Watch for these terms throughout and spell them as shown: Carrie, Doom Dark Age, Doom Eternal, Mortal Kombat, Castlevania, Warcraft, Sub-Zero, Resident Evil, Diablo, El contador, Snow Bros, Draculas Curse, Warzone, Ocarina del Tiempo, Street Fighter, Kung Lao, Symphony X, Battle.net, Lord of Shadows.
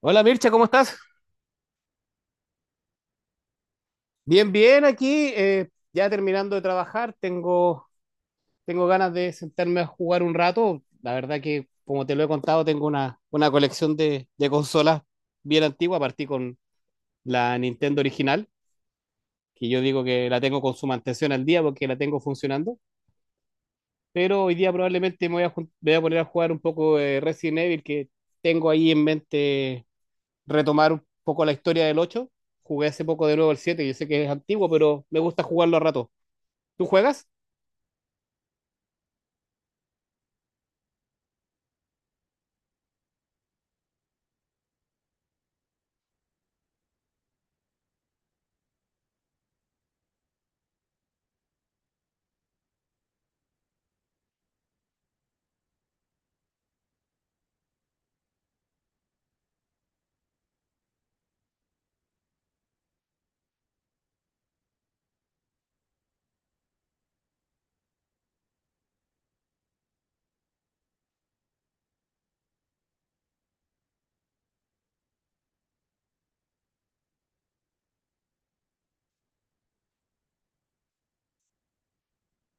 Hola Mircha, ¿cómo estás? Bien, bien aquí, ya terminando de trabajar, tengo ganas de sentarme a jugar un rato. La verdad que, como te lo he contado, tengo una colección de consolas bien antigua, partí con la Nintendo original, que yo digo que la tengo con su mantención al día porque la tengo funcionando, pero hoy día probablemente me voy a poner a jugar un poco de Resident Evil, que tengo ahí en mente retomar un poco la historia del 8. Jugué hace poco de nuevo el siete, yo sé que es antiguo, pero me gusta jugarlo a rato. ¿Tú juegas?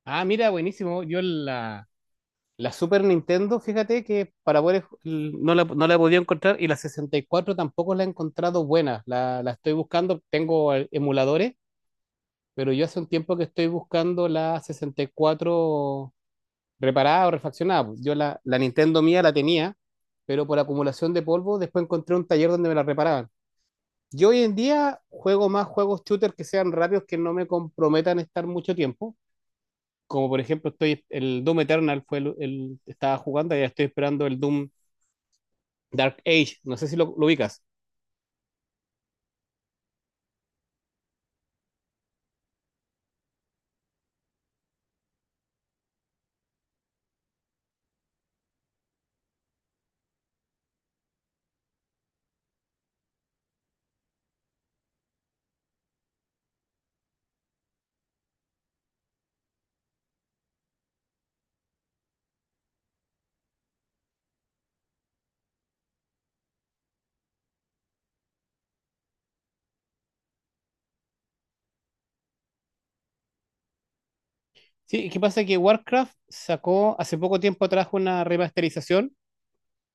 Ah, mira, buenísimo. Yo la Super Nintendo, fíjate que para poder, no la he podido encontrar, y la 64 tampoco la he encontrado buena. La estoy buscando, tengo emuladores, pero yo hace un tiempo que estoy buscando la 64 reparada o refaccionada. Pues yo la Nintendo mía la tenía, pero por acumulación de polvo después encontré un taller donde me la reparaban. Yo hoy en día juego más juegos shooter que sean rápidos, que no me comprometan a estar mucho tiempo. Como por ejemplo, el Doom Eternal fue estaba jugando y ya estoy esperando el Doom Dark Age. No sé si lo ubicas. Sí, ¿qué pasa? Que Warcraft sacó hace poco tiempo atrás una remasterización,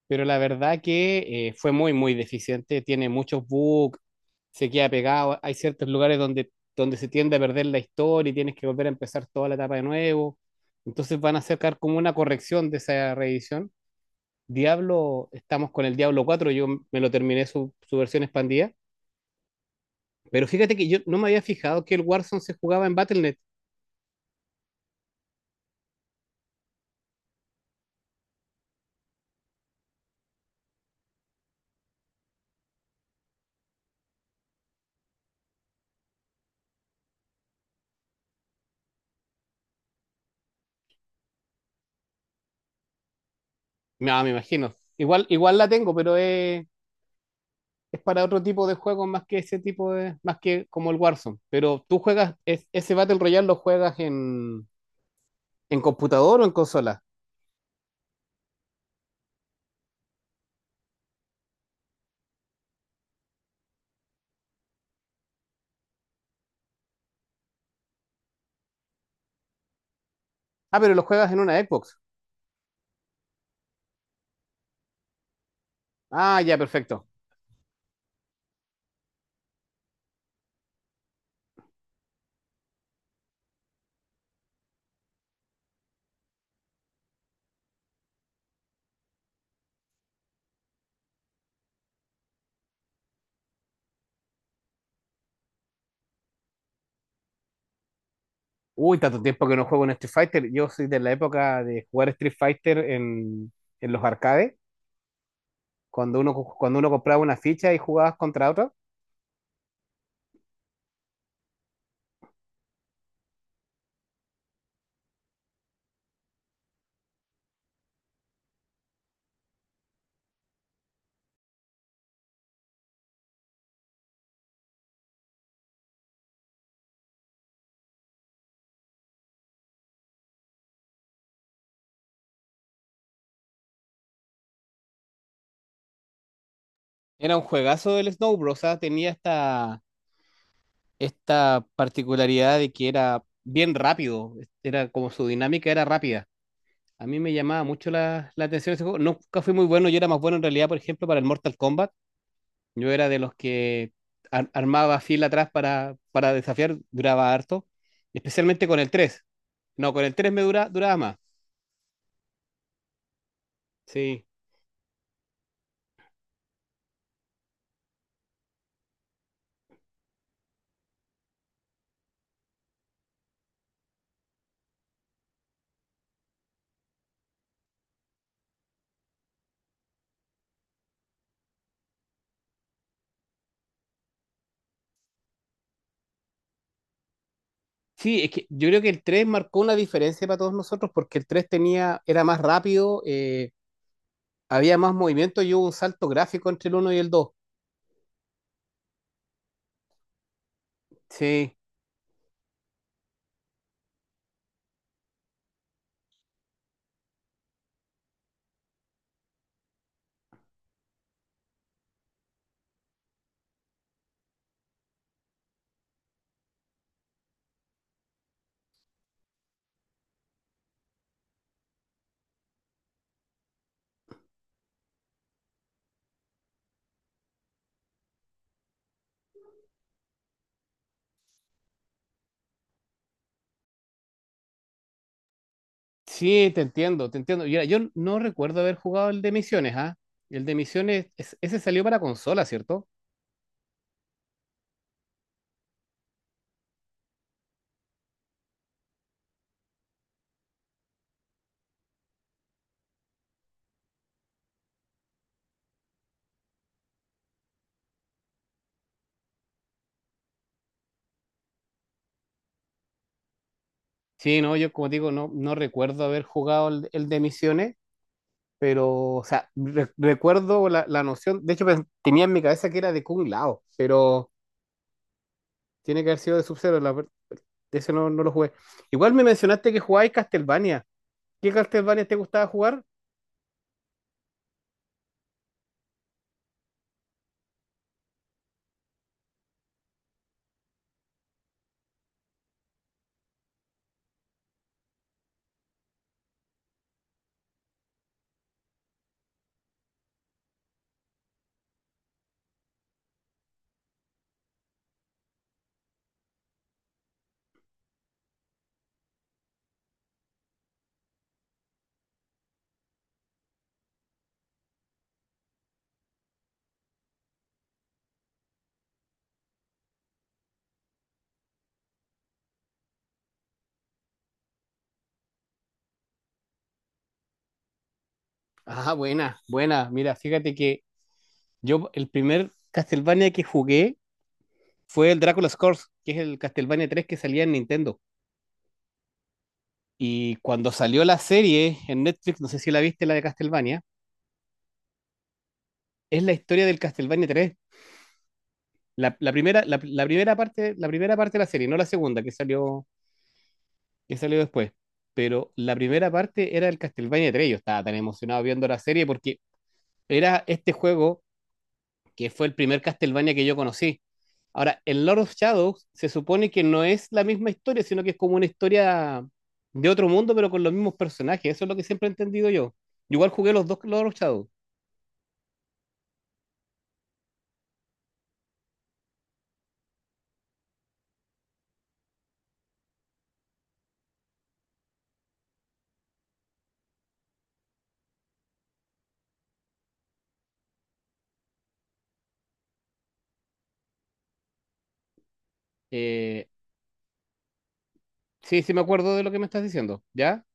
pero la verdad que fue muy deficiente. Tiene muchos bugs, se queda pegado. Hay ciertos lugares donde se tiende a perder la historia y tienes que volver a empezar toda la etapa de nuevo. Entonces van a sacar como una corrección de esa reedición. Diablo, estamos con el Diablo cuatro, yo me lo terminé su versión expandida. Pero fíjate que yo no me había fijado que el Warzone se jugaba en Battle.net. No, me imagino. Igual, igual la tengo, pero es para otro tipo de juegos, más que ese tipo de, más que como el Warzone. Pero tú juegas, ese Battle Royale lo juegas en computador o en consola. Ah, pero lo juegas en una Xbox. Ah, ya, perfecto. Uy, tanto tiempo que no juego en Street Fighter. Yo soy de la época de jugar Street Fighter en los arcades, cuando uno compraba una ficha y jugabas contra otra. Era un juegazo del Snow Bros. O sea, tenía hasta esta particularidad de que era bien rápido, era como su dinámica era rápida. A mí me llamaba mucho la atención ese juego. Nunca fui muy bueno, yo era más bueno en realidad, por ejemplo, para el Mortal Kombat. Yo era de los que armaba fila atrás para desafiar, duraba harto, especialmente con el tres. No, con el 3 me duraba más. Sí. Sí, es que yo creo que el 3 marcó una diferencia para todos nosotros porque el 3 tenía, era más rápido, había más movimiento y hubo un salto gráfico entre el uno y el dos. Sí, sí, te entiendo, te entiendo. Mira, yo no recuerdo haber jugado el de Misiones, ¿ah? El de Misiones, ese salió para consola, ¿cierto? Sí, no, yo como digo, no, no recuerdo haber jugado el de Misiones, pero, o sea, recuerdo la noción, de hecho tenía en mi cabeza que era de Kung Lao, pero tiene que haber sido de Sub-Zero, de ese no, no lo jugué. Igual me mencionaste que jugabais Castlevania. ¿Qué Castlevania te gustaba jugar? Ah, buena, buena. Mira, fíjate que yo el primer Castlevania que jugué fue el Draculas Curse, que es el Castlevania 3, que salía en Nintendo. Y cuando salió la serie en Netflix, no sé si la viste, la de Castlevania, es la historia del Castlevania 3. La primera, la primera parte de la serie, no la segunda que salió después. Pero la primera parte era el Castlevania 3. Yo estaba tan emocionado viendo la serie porque era este juego que fue el primer Castlevania que yo conocí. Ahora, el Lord of Shadows se supone que no es la misma historia, sino que es como una historia de otro mundo, pero con los mismos personajes. Eso es lo que siempre he entendido yo. Yo igual jugué los dos Lord of Shadows. Eh, sí, sí me acuerdo de lo que me estás diciendo, ¿ya?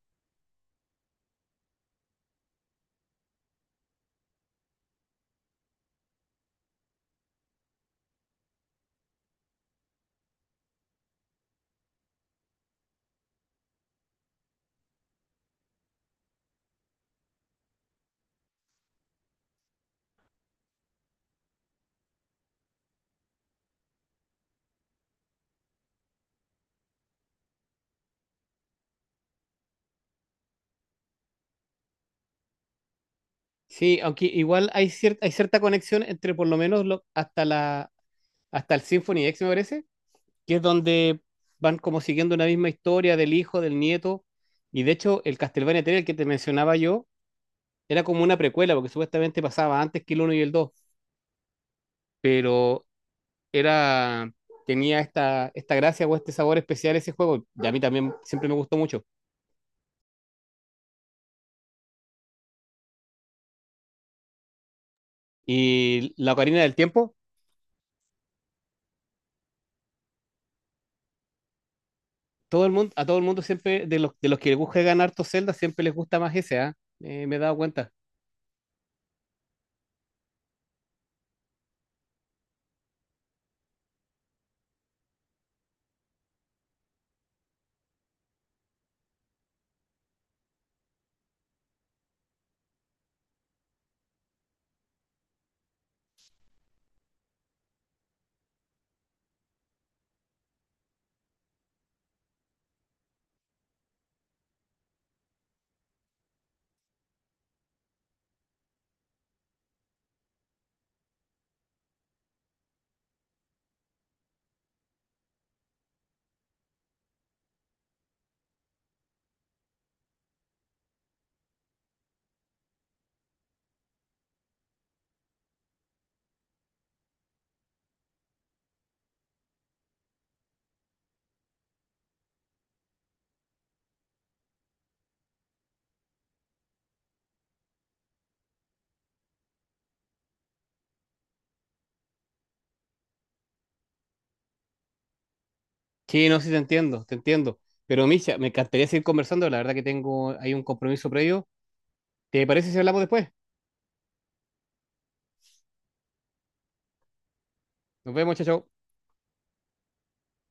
Sí, aunque igual hay cierta, hay cierta conexión entre por lo menos lo hasta, la, hasta el Symphony X, me parece, que es donde van como siguiendo una misma historia del hijo, del nieto. Y de hecho, el Castlevania 3, el que te mencionaba yo, era como una precuela, porque supuestamente pasaba antes que el uno y el dos, pero era, tenía esta, esta gracia o este sabor especial ese juego, y a mí también siempre me gustó mucho. Y la Ocarina del Tiempo, todo el mundo, a todo el mundo siempre, de los que buscan harto Zelda, siempre les gusta más ese, ¿ah? Me he dado cuenta. Sí, no, sí te entiendo, te entiendo. Pero Misha, me encantaría seguir conversando, la verdad que tengo ahí un compromiso previo. ¿Te parece si hablamos después? Nos vemos, chao, chao.